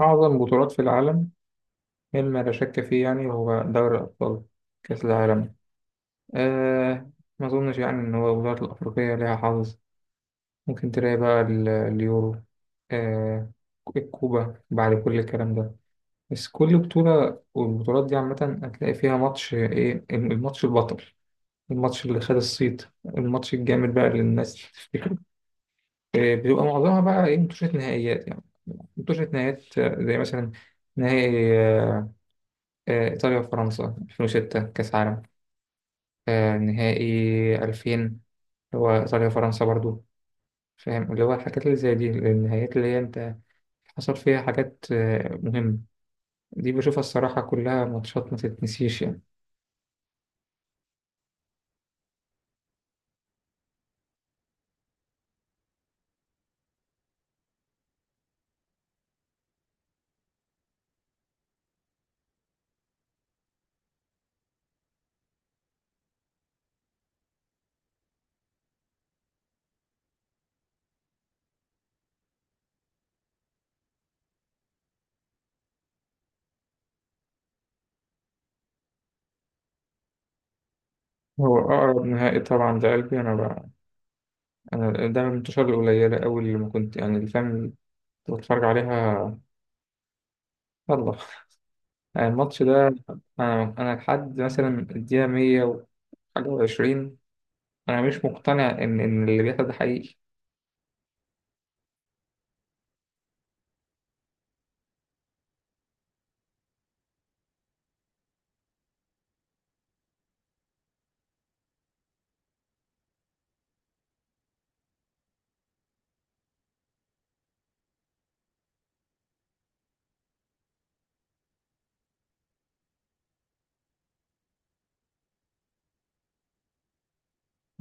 أعظم بطولات في العالم مما لا شك فيه يعني هو دوري الأبطال، كأس العالم. أه ما أظنش يعني إن هو البطولات الأفريقية ليها حظ. ممكن تلاقي بقى اليورو، أه الكوبا، بعد كل الكلام ده. بس كل بطولة، والبطولات دي عامة هتلاقي فيها ماتش، إيه الماتش البطل، الماتش اللي خد الصيت، الماتش الجامد بقى اللي الناس تفتكره. بيبقى معظمها بقى إيه، ماتشات نهائيات يعني. ماتشات نهائيات زي مثلا نهائي، إيطاليا وفرنسا 2006 كأس عالم، نهائي 2000، هو إيطاليا وفرنسا برضو. فاهم اللي هو الحاجات اللي زي دي، النهايات اللي هي أنت حصل فيها حاجات مهمة. دي بشوفها الصراحة كلها ماتشات ما تتنسيش يعني. هو أقرب نهائي طبعا لقلبي أنا بقى، أنا ده من الماتشات القليلة أوي اللي ما كنت يعني، اللي فاهم اللي كنت بتفرج عليها. يلا يعني الماتش ده. أنا لحد مثلا الدقيقة 100 وحاجة وعشرين، أنا مش مقتنع إن اللي بيحصل ده حقيقي.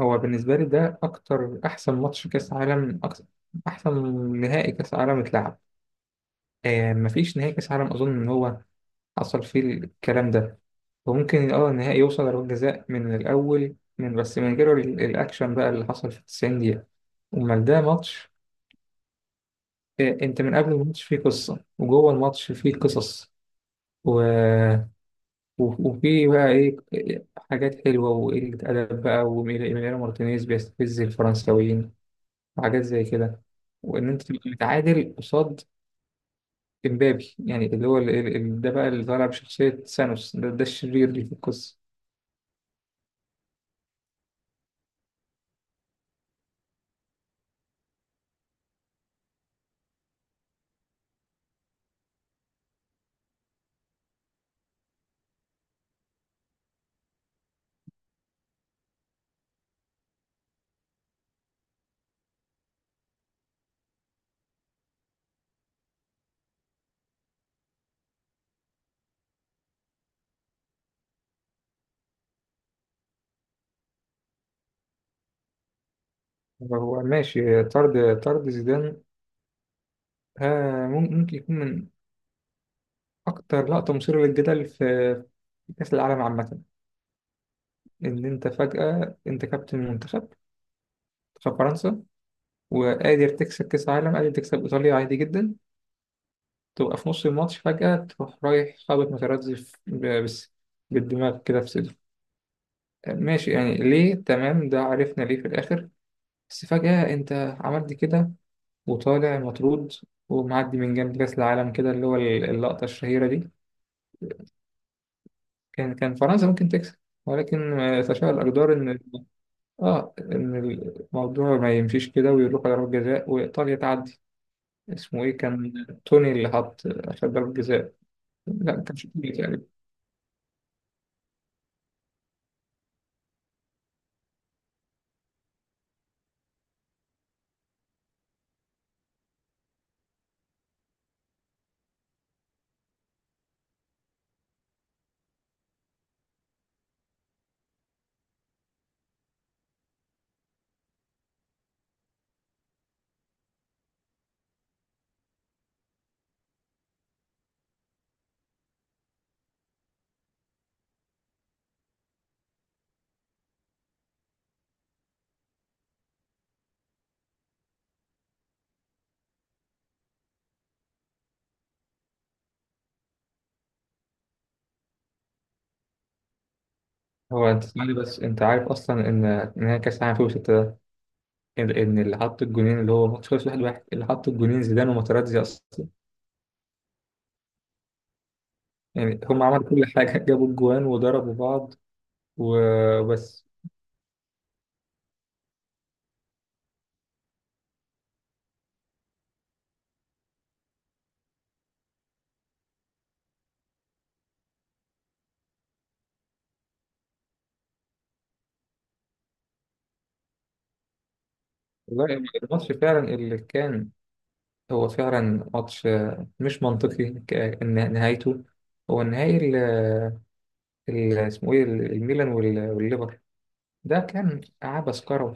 هو بالنسبة لي ده أكتر، أحسن ماتش كأس عالم، أكتر، أحسن نهائي كأس عالم اتلعب. آه، مفيش نهائي كأس عالم أظن إن هو حصل فيه الكلام ده. وممكن النهائي يوصل لضربات جزاء من الأول من بس، من غير الأكشن بقى اللي حصل في 90 دقيقة. أمال ده ماتش، آه أنت من قبل الماتش فيه قصة، وجوه الماتش فيه قصص، و... و- وفيه بقى إيه، حاجات حلوة وقلة أدب بقى، وميليانو مارتينيز بيستفز الفرنساويين وحاجات زي كده. وان انت تبقى متعادل قصاد امبابي، يعني اللي هو ده بقى اللي طالع بشخصية سانوس، ده الشرير اللي في القصة. هو ماشي، طرد زيدان. ها، ممكن يكون من أكتر لقطة مثيرة للجدل في، في كأس العالم عامة، إن أنت فجأة أنت كابتن منتخب، منتخب فرنسا، وقادر تكسب كأس العالم، قادر تكسب إيطاليا عادي جدا، تبقى في نص الماتش فجأة تروح رايح خابط مترزف بس بالدماغ كده في صدره. ماشي يعني ليه، تمام، ده عرفنا ليه في الآخر، بس فجأة أنت عملت كده، وطالع مطرود ومعدي من جنب كأس العالم كده، اللي هو اللقطة الشهيرة دي. كان فرنسا ممكن تكسب، ولكن تشاء الأقدار إن، إن الموضوع ما يمشيش كده ويروح على ضربة جزاء وإيطاليا تعدي. اسمه إيه كان، توني اللي حط عشان ضربة جزاء. لا، ما كانش توني تقريبا. هو أنت تسألني بس أنت عارف أصلا إن هي كأس العالم في، ان إن اللي حط الجونين اللي هو ماتش خلص واحد واحد، اللي حط الجونين زيدان وماتراتزي اصلا. يعني هم عملوا كل حاجه جابوا الجوان وضربوا بعض وبس. والله الماتش فعلا اللي كان، هو فعلا ماتش مش منطقي، إن نهايته، هو النهائي اسمه ايه، الميلان والليفر، ده كان عبث كروي.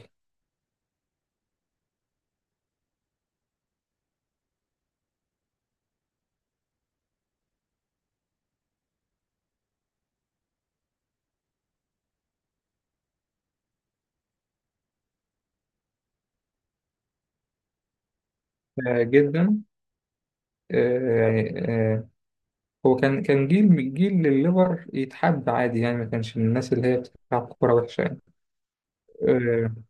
جدا، آه، يعني آه، هو كان جيل الليفر يتحب عادي يعني، ما كانش من الناس اللي هي بتلعب كوره وحشه يعني. آه،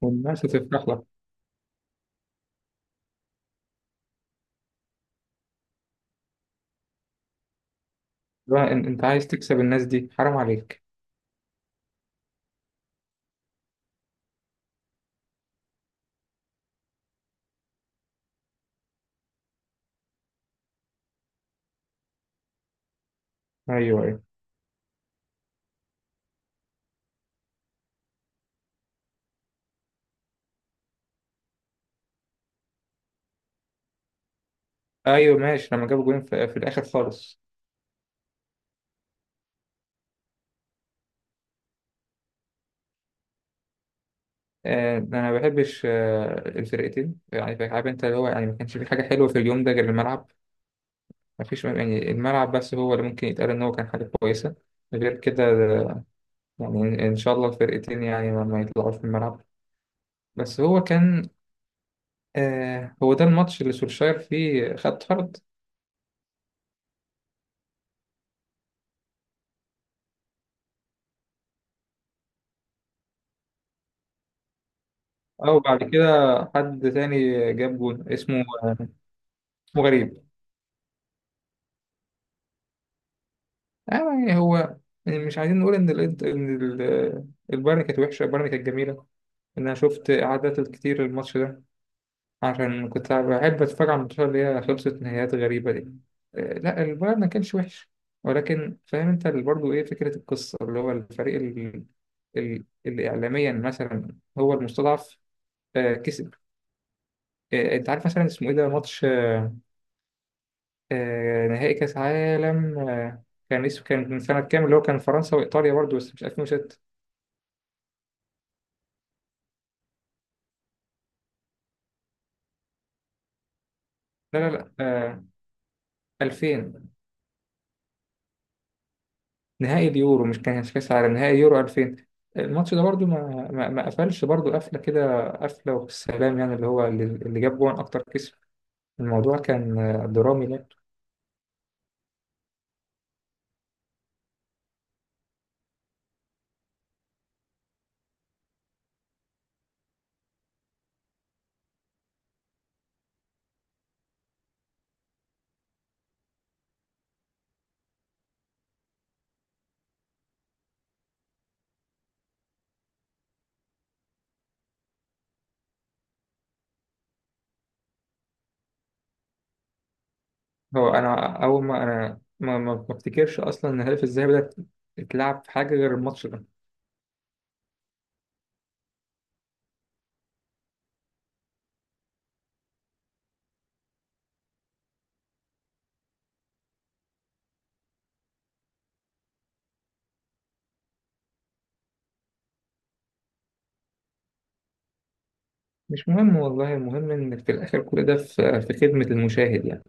والناس هتفرح لك بقى. انت عايز تكسب الناس دي، حرام عليك. ايوه ايوه ايوه، ماشي، لما جابوا جولين في الاخر خالص. آه، انا ما بحبش الفرقتين، يعني عارف انت اللي هو يعني، ما كانش في حاجه حلوه في اليوم ده غير الملعب. ما فيش يعني، الملعب بس هو اللي ممكن يتقال ان هو كان حاجه كويسه، غير كده يعني ان إن شاء الله الفرقتين يعني ما يطلعوش في الملعب. بس هو كان، هو ده الماتش اللي سولشاير فيه خد طرد، او بعد كده حد تاني جاب جول اسمه اسمه غريب. يعني هو، مش عايزين نقول ان ان البايرن كانت وحشه، البايرن كانت جميله، ان انا شفت اعادات كتير الماتش ده عشان كنت بحب اتفرج على الماتشات اللي هي خلصت نهايات غريبه دي. لا، البايرن ما كانش وحش، ولكن فاهم انت برضه ايه فكره القصه، اللي هو الفريق اللي اعلاميا مثلا هو المستضعف كسب. انت عارف مثلا اسمه ايه، ده ماتش نهائي كاس عالم، كان اسمه، كان من سنه كام، اللي هو كان فرنسا وايطاليا برضه بس مش 2006. لا لا لا، 2000، نهائي اليورو مش كان كاس عالم، نهائي يورو 2000. الماتش ده برضو، ما قفلش برضو، قفله كده، قفله وبالسلام يعني، اللي هو اللي جاب جون اكتر كسب. الموضوع كان درامي، لا. هو انا اول ما انا، ما افتكرش اصلا ان الهدف الذهبي ده اتلعب في حاجه غير الماتش ده. مش مهم والله، المهم ان في الاخر كل ده في، في خدمه المشاهد يعني.